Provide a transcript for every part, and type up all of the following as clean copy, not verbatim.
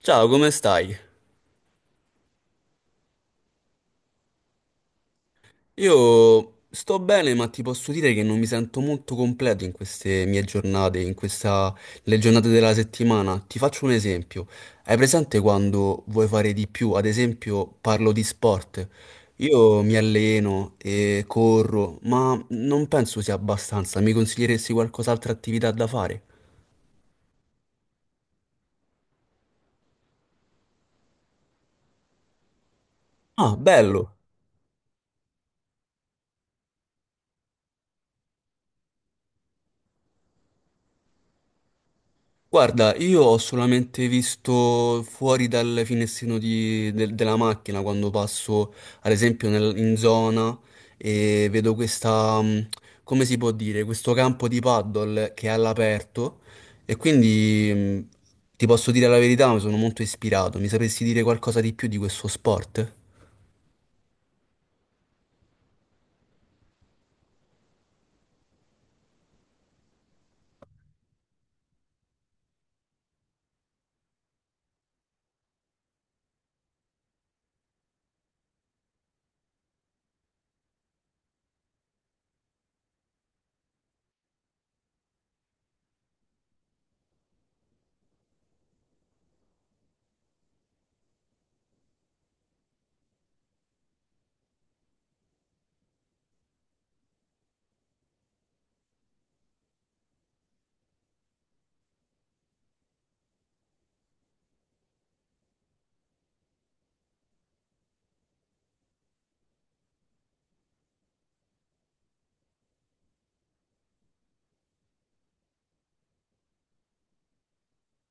Ciao, come stai? Io sto bene, ma ti posso dire che non mi sento molto completo in queste mie giornate, in le giornate della settimana. Ti faccio un esempio. Hai presente quando vuoi fare di più? Ad esempio, parlo di sport. Io mi alleno e corro, ma non penso sia abbastanza. Mi consiglieresti qualcos'altra attività da fare? Ah, bello! Guarda, io ho solamente visto fuori dal finestrino della macchina quando passo, ad esempio, in zona e vedo questa, come si può dire, questo campo di paddle che è all'aperto e quindi mh, ti posso dire la verità, mi sono molto ispirato. Mi sapresti dire qualcosa di più di questo sport?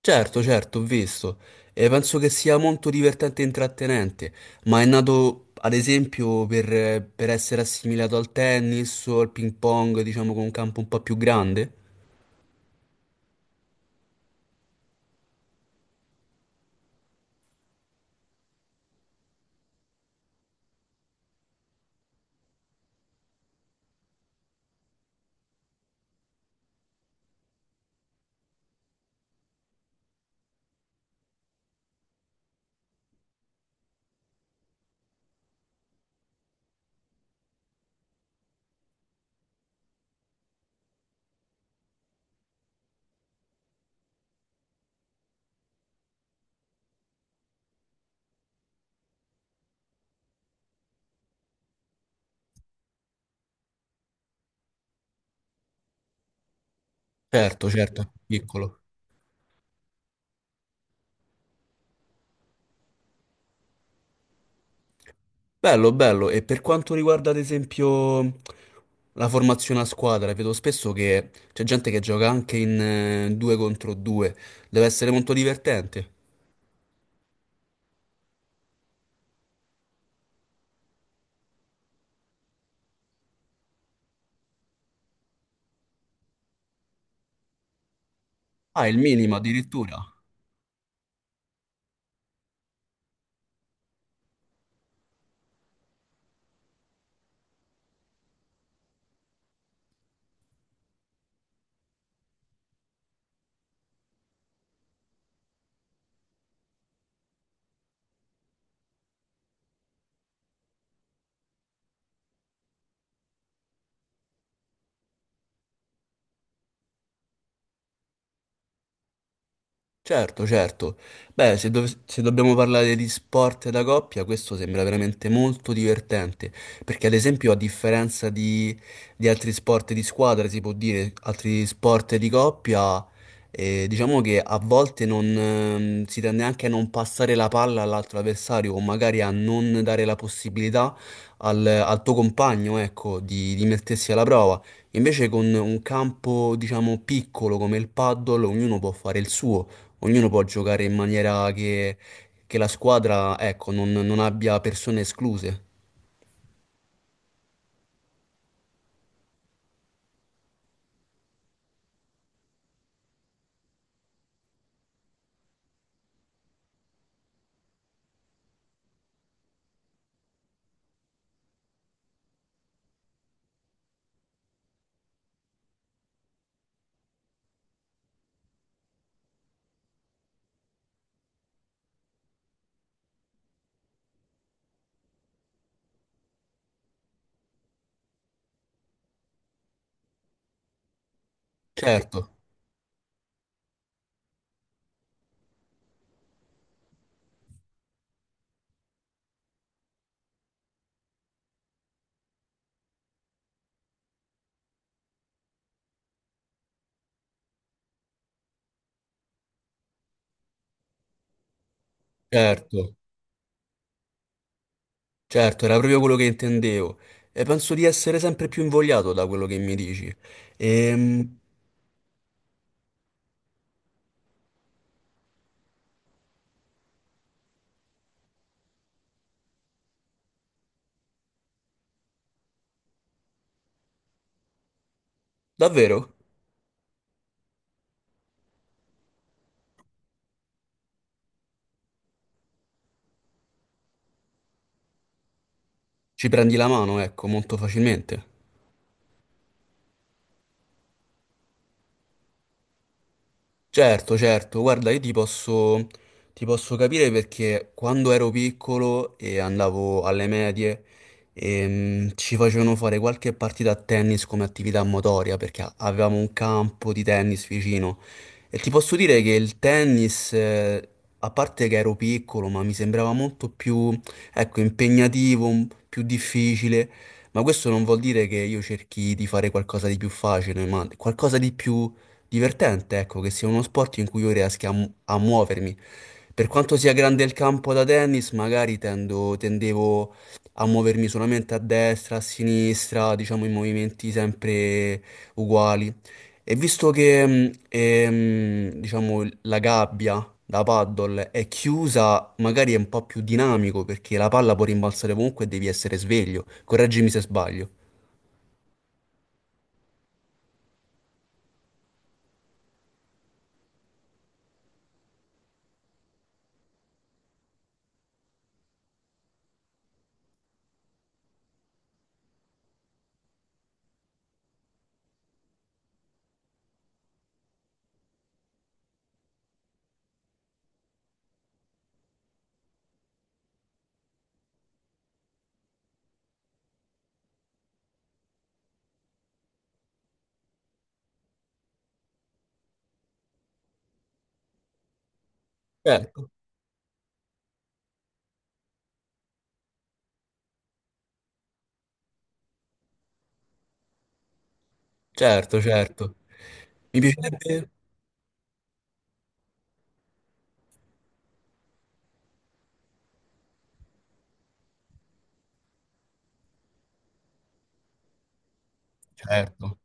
Certo, certo, ho visto. E penso che sia molto divertente e intrattenente, ma è nato, ad esempio, per essere assimilato al tennis o al ping pong, diciamo, con un campo un po' più grande? Certo, certo, piccolo. Bello, bello. E per quanto riguarda, ad esempio, la formazione a squadra, vedo spesso che c'è gente che gioca anche in due contro due. Deve essere molto divertente. Ah, il minimo addirittura. Certo, certo. Beh, se dobbiamo parlare di sport da coppia, questo sembra veramente molto divertente, perché ad esempio a differenza di altri sport di squadra, si può dire, altri sport di coppia, diciamo che a volte non, si tende anche a non passare la palla all'altro avversario o magari a non dare la possibilità al tuo compagno, ecco, di mettersi alla prova. Invece con un campo, diciamo, piccolo come il paddle, ognuno può fare il suo. Ognuno può giocare in maniera che la squadra, ecco, non abbia persone escluse. Certo, certo, certo, era proprio quello che intendevo. E penso di essere sempre più invogliato da quello che mi dici. Ehm, davvero? Ci prendi la mano, ecco, molto facilmente. Certo, certo, guarda, ti posso capire perché quando ero piccolo e andavo alle medie ci facevano fare qualche partita a tennis come attività motoria perché avevamo un campo di tennis vicino e ti posso dire che il tennis, a parte che ero piccolo, ma mi sembrava molto più, ecco, impegnativo, più difficile, ma questo non vuol dire che io cerchi di fare qualcosa di più facile, ma qualcosa di più divertente, ecco, che sia uno sport in cui io riesca a muovermi. Per quanto sia grande il campo da tennis, magari tendevo a muovermi solamente a destra, a sinistra, diciamo in movimenti sempre uguali. E visto che, diciamo, la gabbia da paddle è chiusa, magari è un po' più dinamico perché la palla può rimbalzare comunque e devi essere sveglio. Correggimi se sbaglio. Certo, certo, certo. Mi piacerebbe? Certo.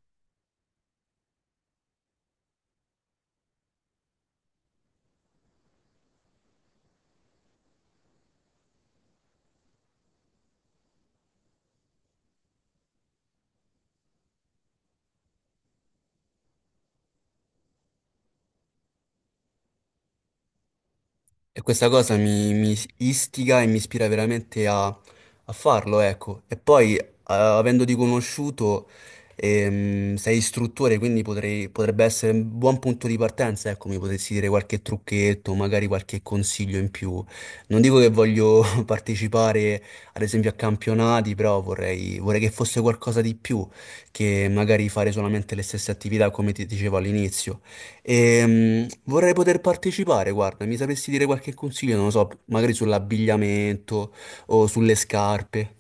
E questa cosa mi istiga e mi ispira veramente a farlo, ecco. E poi, avendoti conosciuto, sei istruttore, quindi potrebbe essere un buon punto di partenza, ecco, mi potresti dire qualche trucchetto, magari qualche consiglio in più. Non dico che voglio partecipare, ad esempio, a campionati, però vorrei che fosse qualcosa di più che magari fare solamente le stesse attività, come ti dicevo all'inizio. Vorrei poter partecipare, guarda, mi sapresti dire qualche consiglio, non lo so, magari sull'abbigliamento o sulle scarpe.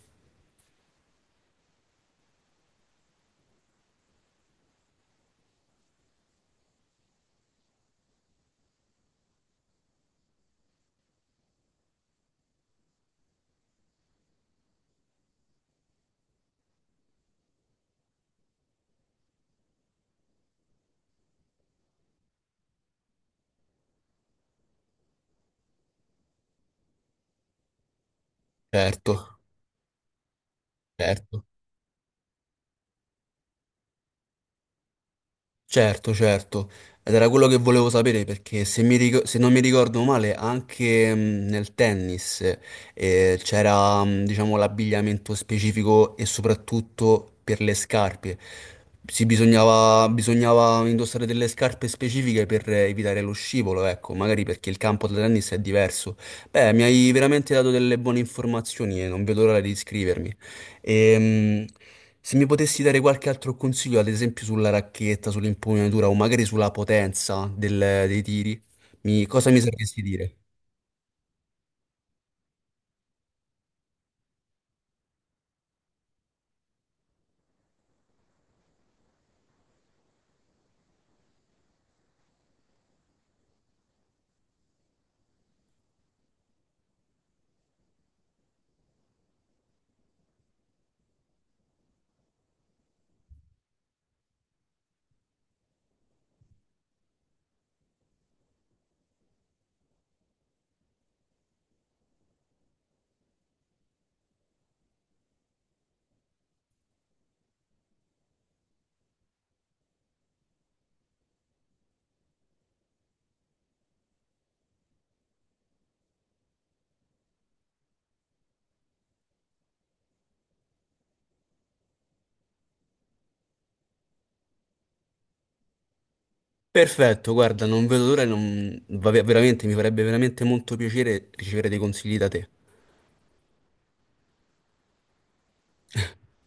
Certo, certo. Certo, certo, ed era quello che volevo sapere perché se non mi ricordo male anche nel tennis c'era diciamo l'abbigliamento specifico e soprattutto per le scarpe. Si bisognava, bisognava indossare delle scarpe specifiche per evitare lo scivolo, ecco, magari perché il campo da tennis è diverso. Beh, mi hai veramente dato delle buone informazioni e non vedo l'ora di iscrivermi. Ehm, se mi potessi dare qualche altro consiglio, ad esempio sulla racchetta, sull'impugnatura o magari sulla potenza dei tiri, cosa mi sapresti dire? Perfetto, guarda, non vedo l'ora, vabbè, veramente, mi farebbe veramente molto piacere ricevere dei consigli da te.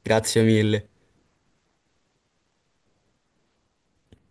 Grazie mille.